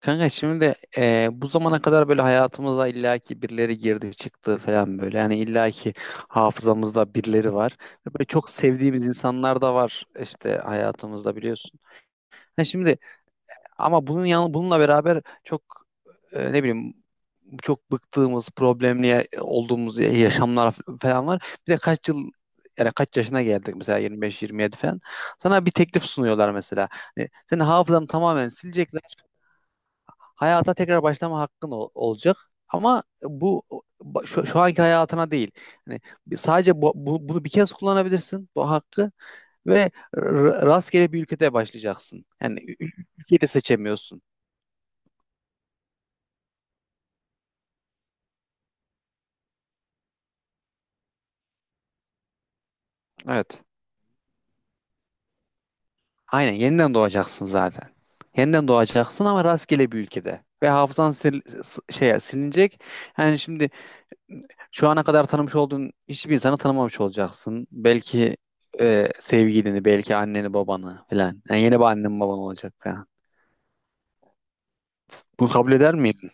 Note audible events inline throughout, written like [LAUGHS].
Kanka şimdi bu zamana kadar böyle hayatımıza illaki birileri girdi çıktı falan böyle. Yani illaki hafızamızda birileri var. Ve böyle çok sevdiğimiz insanlar da var işte hayatımızda biliyorsun. Ha şimdi ama bununla beraber çok ne bileyim çok bıktığımız, olduğumuz yaşamlar falan var. Bir de kaç yıl yani kaç yaşına geldik mesela 25-27 falan. Sana bir teklif sunuyorlar mesela. Hani senin hafızanı tamamen silecekler, hayata tekrar başlama olacak. Ama şu anki hayatına değil. Hani sadece bunu bir kez kullanabilirsin bu hakkı, ve rastgele bir ülkede başlayacaksın. Ülkeyi de seçemiyorsun. Evet. Aynen yeniden doğacaksın zaten. Yeniden doğacaksın ama rastgele bir ülkede. Ve şeye silinecek. Yani şimdi şu ana kadar tanımış olduğun hiçbir insanı tanımamış olacaksın. Belki sevgilini, belki anneni, babanı falan. Yani yeni bir annen baban olacak falan. Bunu kabul eder miydin?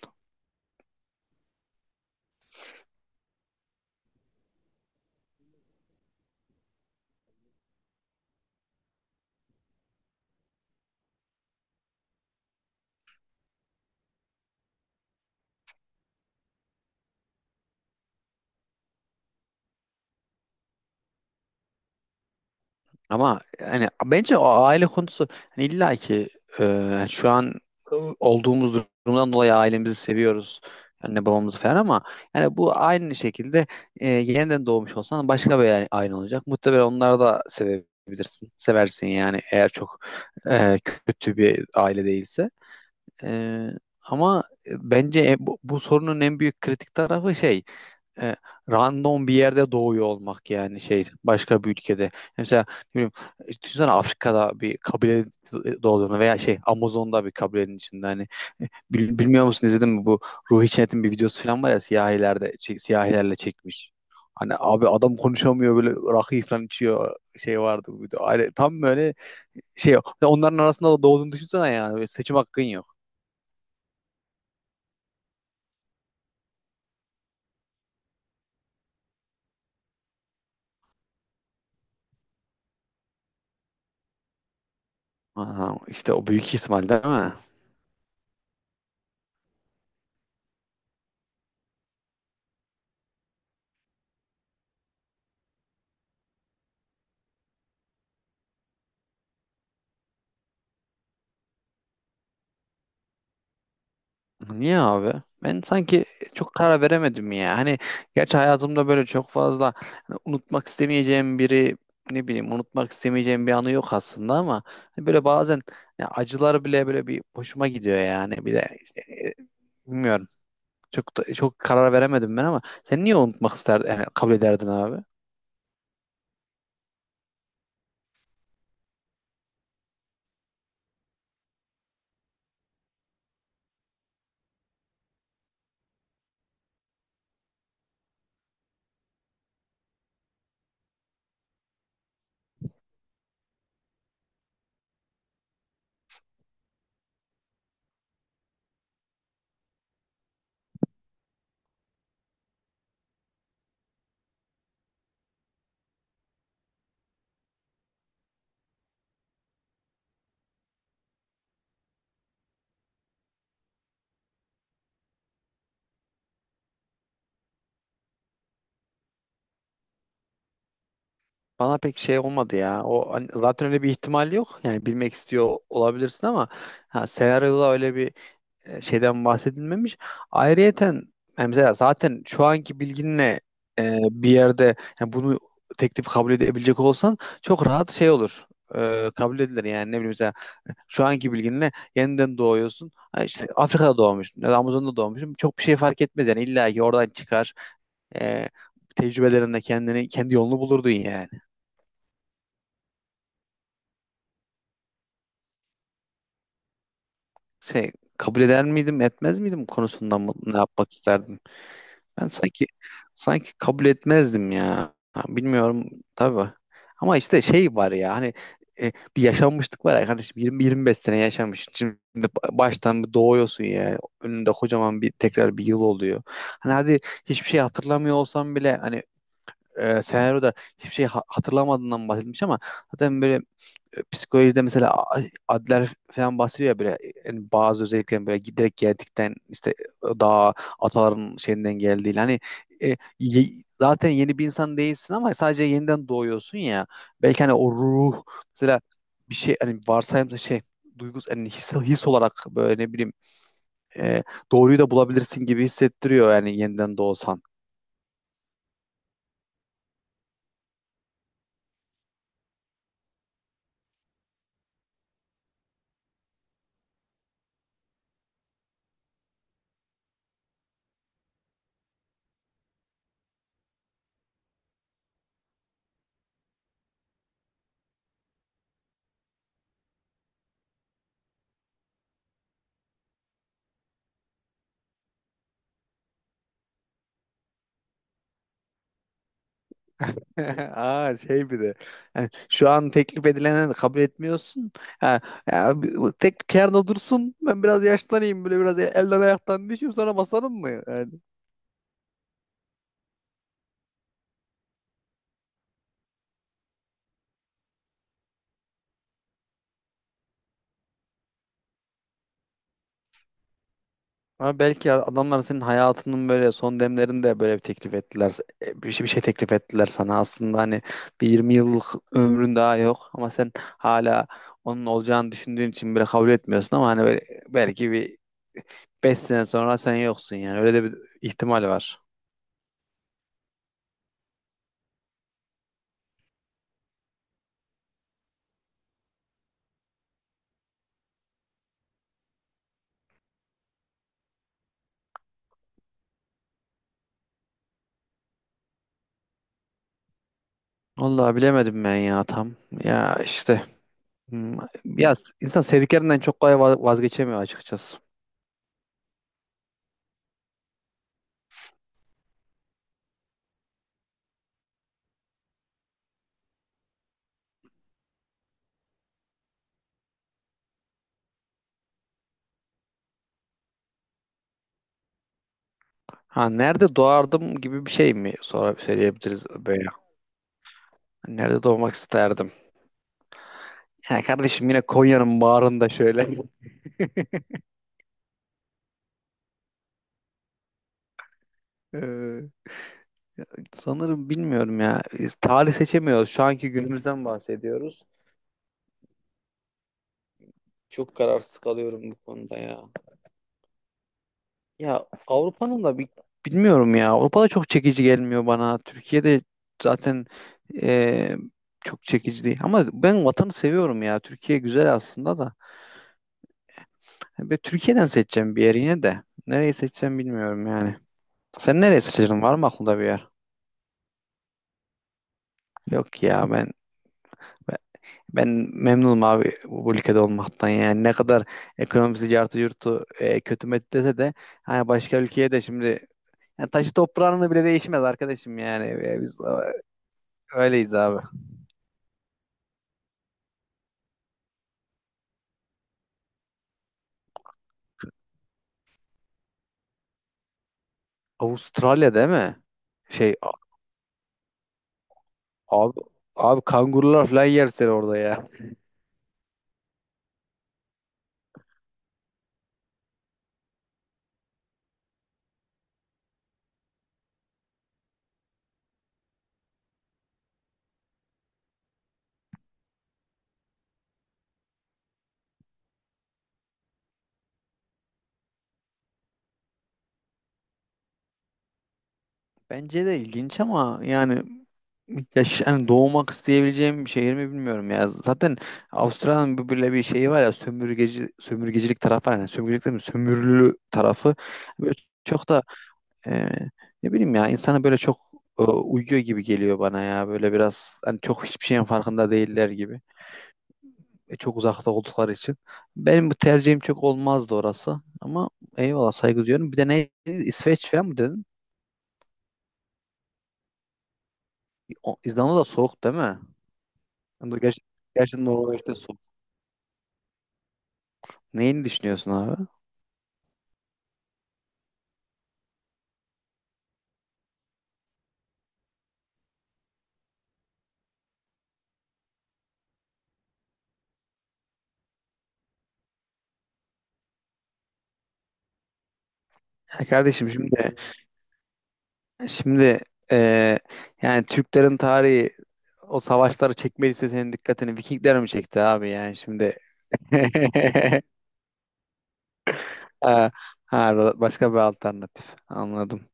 Ama yani bence o aile konusu hani illa ki yani şu an olduğumuz durumdan dolayı ailemizi seviyoruz. Anne babamızı falan, ama yani bu aynı şekilde yeniden doğmuş olsan başka bir aile olacak. Muhtemelen onları da sevebilirsin. Seversin yani, eğer çok e, kötü bir aile değilse. Ee, ama bence bu sorunun en büyük kritik tarafı e, random bir yerde doğuyor olmak, yani şey başka bir ülkede. Mesela ne bileyim, düşünsene Afrika'da bir kabile doğduğunu veya şey Amazon'da bir kabilenin içinde. Hani e, bilmiyor musun, izledin mi, bu Ruhi Çenet'in bir videosu falan var ya, siyahilerde siyahilerle çekmiş. Hani abi adam konuşamıyor, böyle rakı falan içiyor, şey vardı bu video. Tam böyle şey onların arasında da doğduğunu düşünsene, yani seçim hakkın yok. Aha, işte o büyük ihtimal değil mi? Niye abi? Ben sanki çok karar veremedim ya. Hani gerçi hayatımda böyle çok fazla hani unutmak istemeyeceğim biri, ne bileyim, unutmak istemeyeceğim bir anı yok aslında, ama hani böyle bazen ya acılar bile böyle bir hoşuma gidiyor yani. Bir de e, bilmiyorum. Çok karar veremedim ben, ama sen niye unutmak isterdin, yani kabul ederdin abi? Bana pek şey olmadı ya. O hani zaten öyle bir ihtimal yok. Yani bilmek istiyor olabilirsin ama ha, senaryoda öyle bir şeyden bahsedilmemiş. Ayrıyeten yani mesela zaten şu anki bilginle bir yerde yani bunu teklif kabul edebilecek olsan çok rahat şey olur. E, kabul edilir yani ne bileyim, mesela şu anki bilginle yeniden doğuyorsun. Ha işte Afrika'da doğmuşsun ya da Amazon'da doğmuşsun. Çok bir şey fark etmez yani, illa ki oradan çıkar. E, tecrübelerinde kendini, kendi yolunu bulurdun yani. Şey, kabul eder miydim etmez miydim konusunda ne yapmak isterdin? Ben sanki sanki kabul etmezdim ya. Ha, bilmiyorum tabii. Ama işte şey var ya hani e, bir yaşanmışlık var ya kardeşim, 20-25 sene yaşamış. Şimdi baştan bir doğuyorsun ya. Önünde kocaman bir tekrar bir yıl oluyor. Hani hadi hiçbir şey hatırlamıyor olsam bile, hani senaryoda hiçbir şey hatırlamadığından bahsetmiş, ama zaten böyle psikolojide mesela Adler falan bahsediyor ya böyle, yani bazı özelliklerin böyle giderek geldikten işte daha ataların şeyinden geldiği, hani e, ye- zaten yeni bir insan değilsin ama sadece yeniden doğuyorsun ya, belki hani o ruh mesela, bir şey hani varsayımda şey duygus hani his olarak böyle ne bileyim e, doğruyu da bulabilirsin gibi hissettiriyor yani yeniden doğsan. [LAUGHS] Aa şey bir de yani şu an teklif edilene de kabul etmiyorsun. Ha, ya bu tek kenarda dursun, ben biraz yaşlanayım, böyle biraz elden ayaktan düşeyim sonra basarım mı? Yani. Ama belki adamlar senin hayatının böyle son demlerinde böyle bir teklif ettiler. E, bir şey teklif ettiler sana aslında, hani bir 20 yıllık ömrün daha yok ama sen hala onun olacağını düşündüğün için böyle kabul etmiyorsun, ama hani böyle belki bir 5 sene sonra sen yoksun, yani öyle de bir ihtimal var. Vallahi bilemedim ben ya tam. Ya işte hmm, ya insan sevdiklerinden çok kolay vazgeçemiyor açıkçası. Ha nerede doğardım gibi bir şey mi, sonra söyleyebiliriz böyle. Nerede doğmak isterdim? Ya kardeşim yine Konya'nın bağrında şöyle. [LAUGHS] Ee, sanırım bilmiyorum ya. Biz tarih seçemiyoruz. Şu anki günümüzden bahsediyoruz. Çok kararsız kalıyorum bu konuda ya. Ya Avrupa'nın da bilmiyorum ya. Avrupa'da çok çekici gelmiyor bana. Türkiye'de zaten e, çok çekici değil. Ama ben vatanı seviyorum ya. Türkiye güzel aslında da. Ve Türkiye'den seçeceğim bir yer yine de. Nereyi seçeceğim bilmiyorum yani. Sen nereyi seçeceksin? Var mı aklında bir yer? Yok ya ben ben, ben memnunum abi bu ülkede olmaktan yani. Ne kadar ekonomisi artı yurtu kötü met dese de, hani başka ülkeye de şimdi yani taşı toprağının da bile değişmez arkadaşım yani. E, biz öyleyiz abi. Avustralya değil mi? Şey a- abi abi kangurular falan yer seni orada ya. Bence de ilginç ama yani yaş hani doğmak isteyebileceğim bir şehir mi bilmiyorum ya. Zaten Avustralya'nın böyle bir şeyi var ya, sömürgeci, sömürgecilik tarafı var, yani sömürgecilik değil mi? Sömürülü tarafı. Böyle çok da e, ne bileyim ya, insana böyle çok uyuyor gibi geliyor bana ya. Böyle biraz hani çok hiçbir şeyin farkında değiller gibi. E, çok uzakta oldukları için. Benim bu tercihim çok olmazdı orası. Ama eyvallah, saygı duyuyorum. Bir de ne, İsveç falan mı dedin? İzlanda da soğuk değil mi? Ama gerçekten Norveç'te soğuk. Neyini düşünüyorsun abi? Ya kardeşim şimdi e, yani Türklerin tarihi, o savaşları çekmediyse senin dikkatini Vikingler mi çekti abi yani şimdi? [LAUGHS] Ha, ha, başka bir alternatif. Anladım.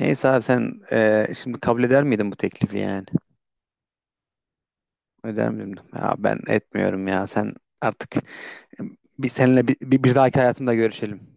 Neyse abi, sen şimdi kabul eder miydin bu teklifi yani? Öder miyim? Ya ben etmiyorum ya. Sen artık bir seninle bir dahaki hayatında görüşelim.